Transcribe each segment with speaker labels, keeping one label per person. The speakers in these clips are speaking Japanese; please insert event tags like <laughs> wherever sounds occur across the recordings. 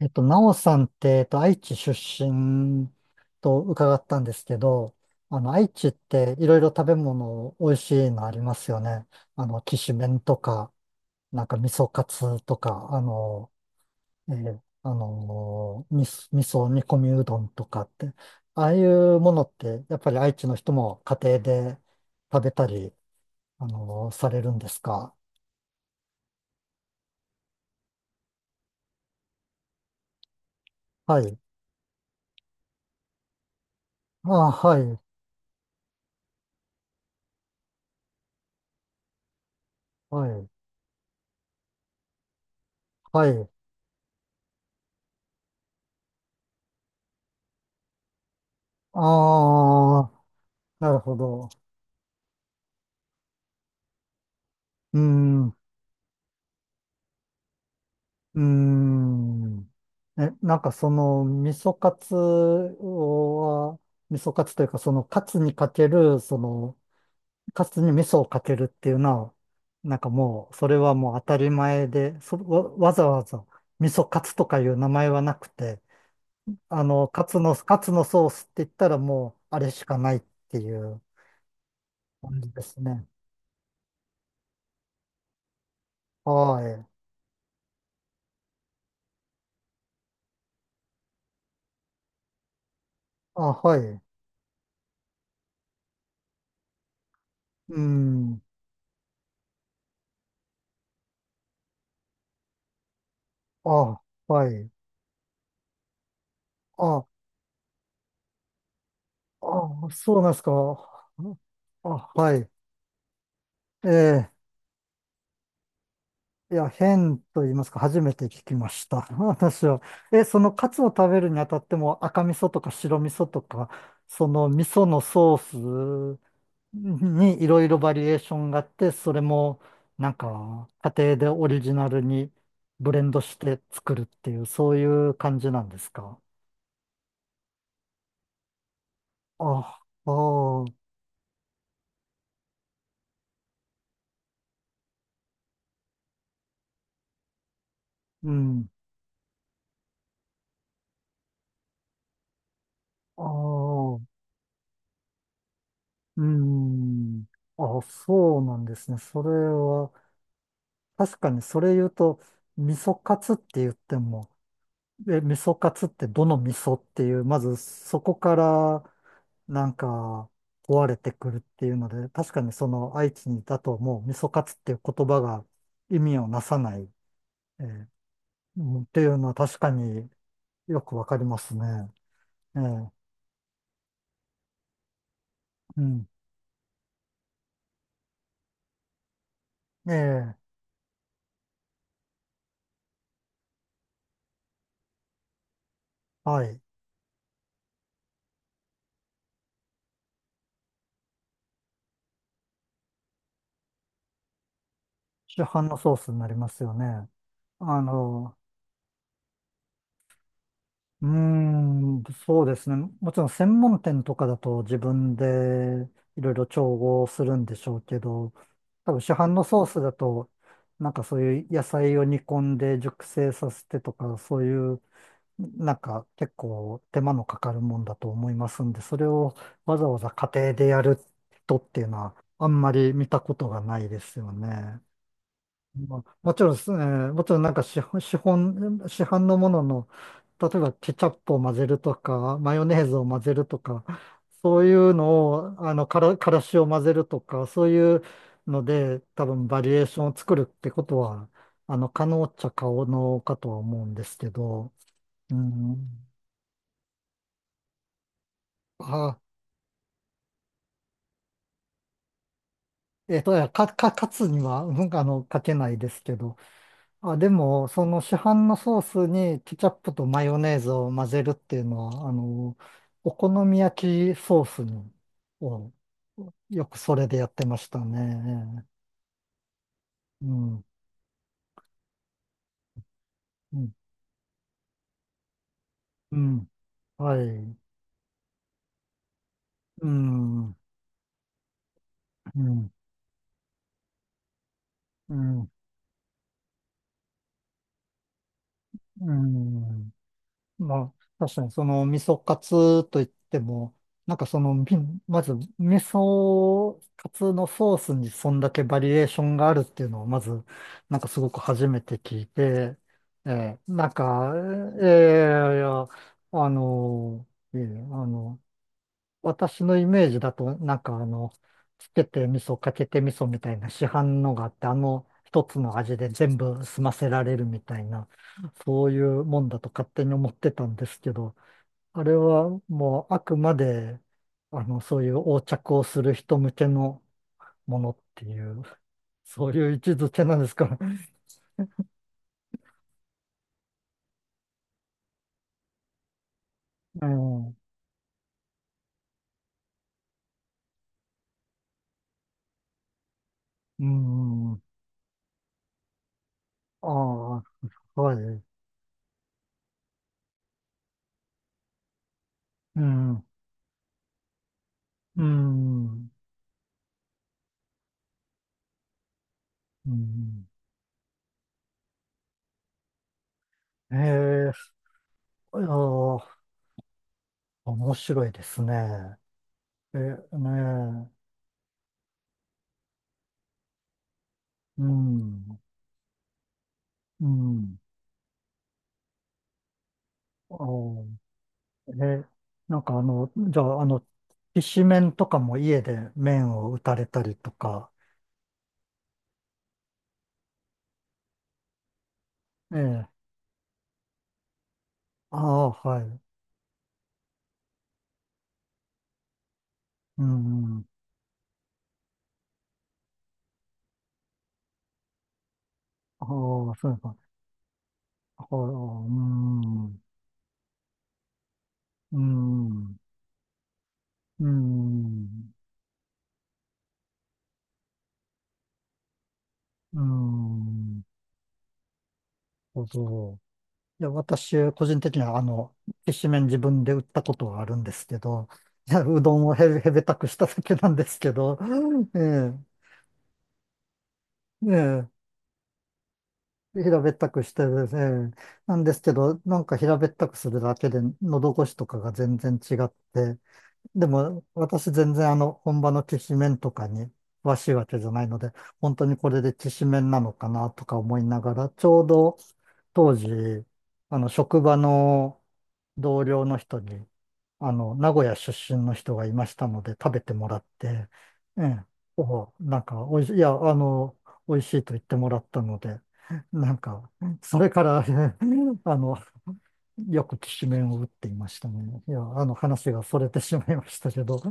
Speaker 1: なおさんって、愛知出身と伺ったんですけど、あの、愛知っていろいろ食べ物美味しいのありますよね。あの、きしめんとか、なんか味噌カツとか、あの、えーあのー、み味噌煮込みうどんとかって、ああいうものって、やっぱり愛知の人も家庭で食べたり、されるんですか？はい。ああ、はい、はい、はい。ああ、なるほど。うーん、うーん。え、なんかその、味噌カツは、味噌カツというか、そのカツにかける、その、カツに味噌をかけるっていうのは、なんかもう、それはもう当たり前で、わざわざ味噌カツとかいう名前はなくて、あの、カツのソースって言ったらもう、あれしかないっていう感じですね。はい。あ、はい。うん。あ、はい。あ、ああ、そうなんですか。あ、はい。ええ、いや、変と言いますか、初めて聞きました。<laughs> 私は。え、そのカツを食べるにあたっても赤味噌とか白味噌とか、その味噌のソースにいろいろバリエーションがあって、それもなんか家庭でオリジナルにブレンドして作るっていう、そういう感じなんですか？あ、ああ、うん。ああ。うーん。あ、そうなんですね。それは、確かにそれ言うと、味噌カツって言っても、え、味噌カツってどの味噌っていう、まずそこから、なんか、壊れてくるっていうので、確かにその愛知にいたともう味噌カツっていう言葉が意味をなさない、えーうんっていうのは確かによくわかりますね。えーうん。えーはい。市販のソースになりますよね。あの、うーん、そうですね。もちろん専門店とかだと自分でいろいろ調合するんでしょうけど、多分市販のソースだと、なんかそういう野菜を煮込んで熟成させてとか、そういう、なんか結構手間のかかるもんだと思いますんで、それをわざわざ家庭でやる人っていうのはあんまり見たことがないですよね。まあ、もちろんですね、もちろんなんか市販のものの、例えばケチャップを混ぜるとか、マヨネーズを混ぜるとか、そういうのを、あの、からからしを混ぜるとか、そういうので、多分バリエーションを作るってことは、あの、可能っちゃ可能かとは思うんですけど、うん。あ、いやか、か、勝つには、うん、あの、かけないですけど、あ、でも、その市販のソースにケチャップとマヨネーズを混ぜるっていうのは、あの、お好み焼きソースに、を、よくそれでやってましたね。うん、うん、うん、はい、うん、うん、うん、うん。まあ、確かにその味噌カツといっても、なんかその、み <laughs> まず味噌カツのソースにそんだけバリエーションがあるっていうのをまず、なんかすごく初めて聞いて、なんか、いや、あの、いえあの、私のイメージだと、なんかあの、つけて味噌、かけて味噌みたいな市販のがあって、あの一つの味で全部済ませられるみたいな、そういうもんだと勝手に思ってたんですけど、あれはもうあくまで、あの、そういう横着をする人向けのものっていう、そういう位置づけなんですかね？<laughs> うん。うん。ああ、はい。うん。うん。うん。ええ、ああ。面白いですね。え、ねえ、うん、うん。あえ、なんかあの、じゃあ、あの、きしめんとかも家で麺を打たれたりとか、ええ、ああ、はい、うん、ああ、そういうか、ああ、うん、うん、うん、うん、なるほど。いや、私、個人的には、あの、きしめん自分で売ったことはあるんですけど、いや、うどんをへ、へべたくしただけなんですけど、<laughs> ええ、ええ、平べったくして、ええ、なんですけど、なんか平べったくするだけで、喉越しとかが全然違って、でも、私全然あの、本場のきしめんとかに詳しいわけじゃないので、本当にこれできしめんなのかなとか思いながら、ちょうど当時、あの、職場の同僚の人に、あの、名古屋出身の人がいましたので食べてもらって、ええ、おなんか、おいしい、いや、あの、美味しいと言ってもらったので、なんか、それから <laughs> あの、よくきしめんを打っていましたね。いや、あの話がそれてしまいましたけど。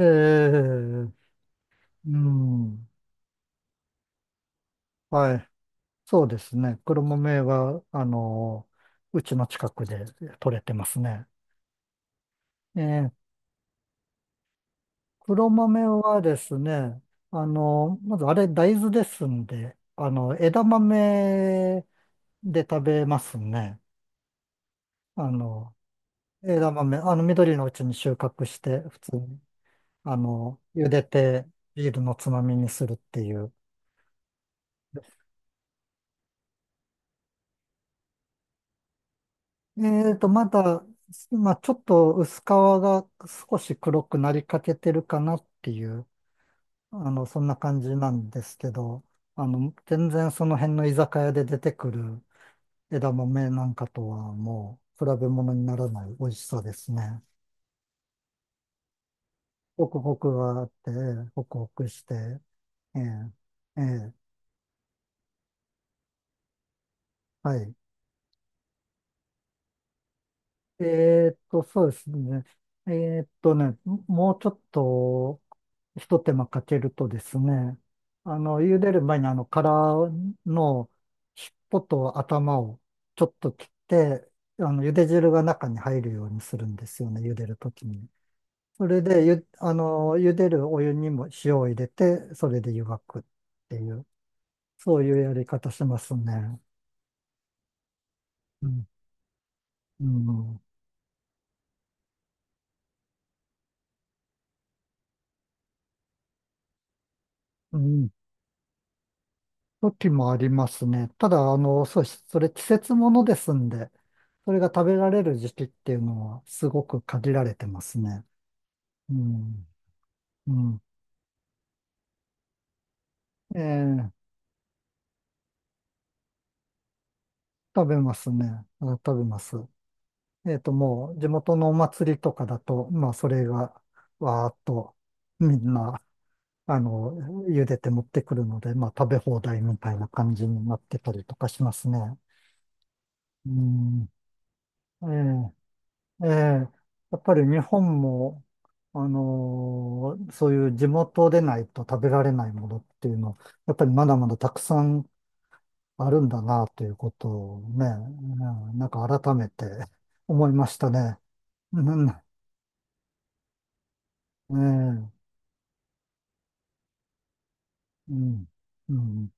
Speaker 1: ええ、うん、はい、そうですね。黒豆は、あの、うちの近くで取れてますね。ええ黒豆はですね、あの、まずあれ大豆ですんで、あの、枝豆で食べますね。あの、枝豆、あの、緑のうちに収穫して、普通に、あの、茹でて、ビールのつまみにするっていう。えまだ、まあ、ちょっと薄皮が少し黒くなりかけてるかなっていう、あの、そんな感じなんですけど、あの、全然その辺の居酒屋で出てくる枝豆なんかとはもう比べ物にならない美味しさですね。ホクホクがあって、ええホクホクして、ええ、ええ、はい。そうですね。えーっとね、もうちょっと一手間かけるとですね、あの、茹でる前にあの殻の尻尾と頭をちょっと切って、あの、茹で汁が中に入るようにするんですよね、茹でるときに。それでゆ、あの、茹でるお湯にも塩を入れて、それで湯がくっていう、そういうやり方しますね。うん。うん。うん。時もありますね。ただ、あの、そうし、それ季節ものですんで、それが食べられる時期っていうのはすごく限られてますね。うん。うん。ええ、食べますね。あ食べます。もう、地元のお祭りとかだと、まあ、それが、わーっと、みんな、あの、茹でて持ってくるので、まあ食べ放題みたいな感じになってたりとかしますね。うん。ええ、ええ。やっぱり日本も、そういう地元でないと食べられないものっていうの、やっぱりまだまだたくさんあるんだなということをね、うんなんか改めて思いましたね。うん、ええ、うん、うん。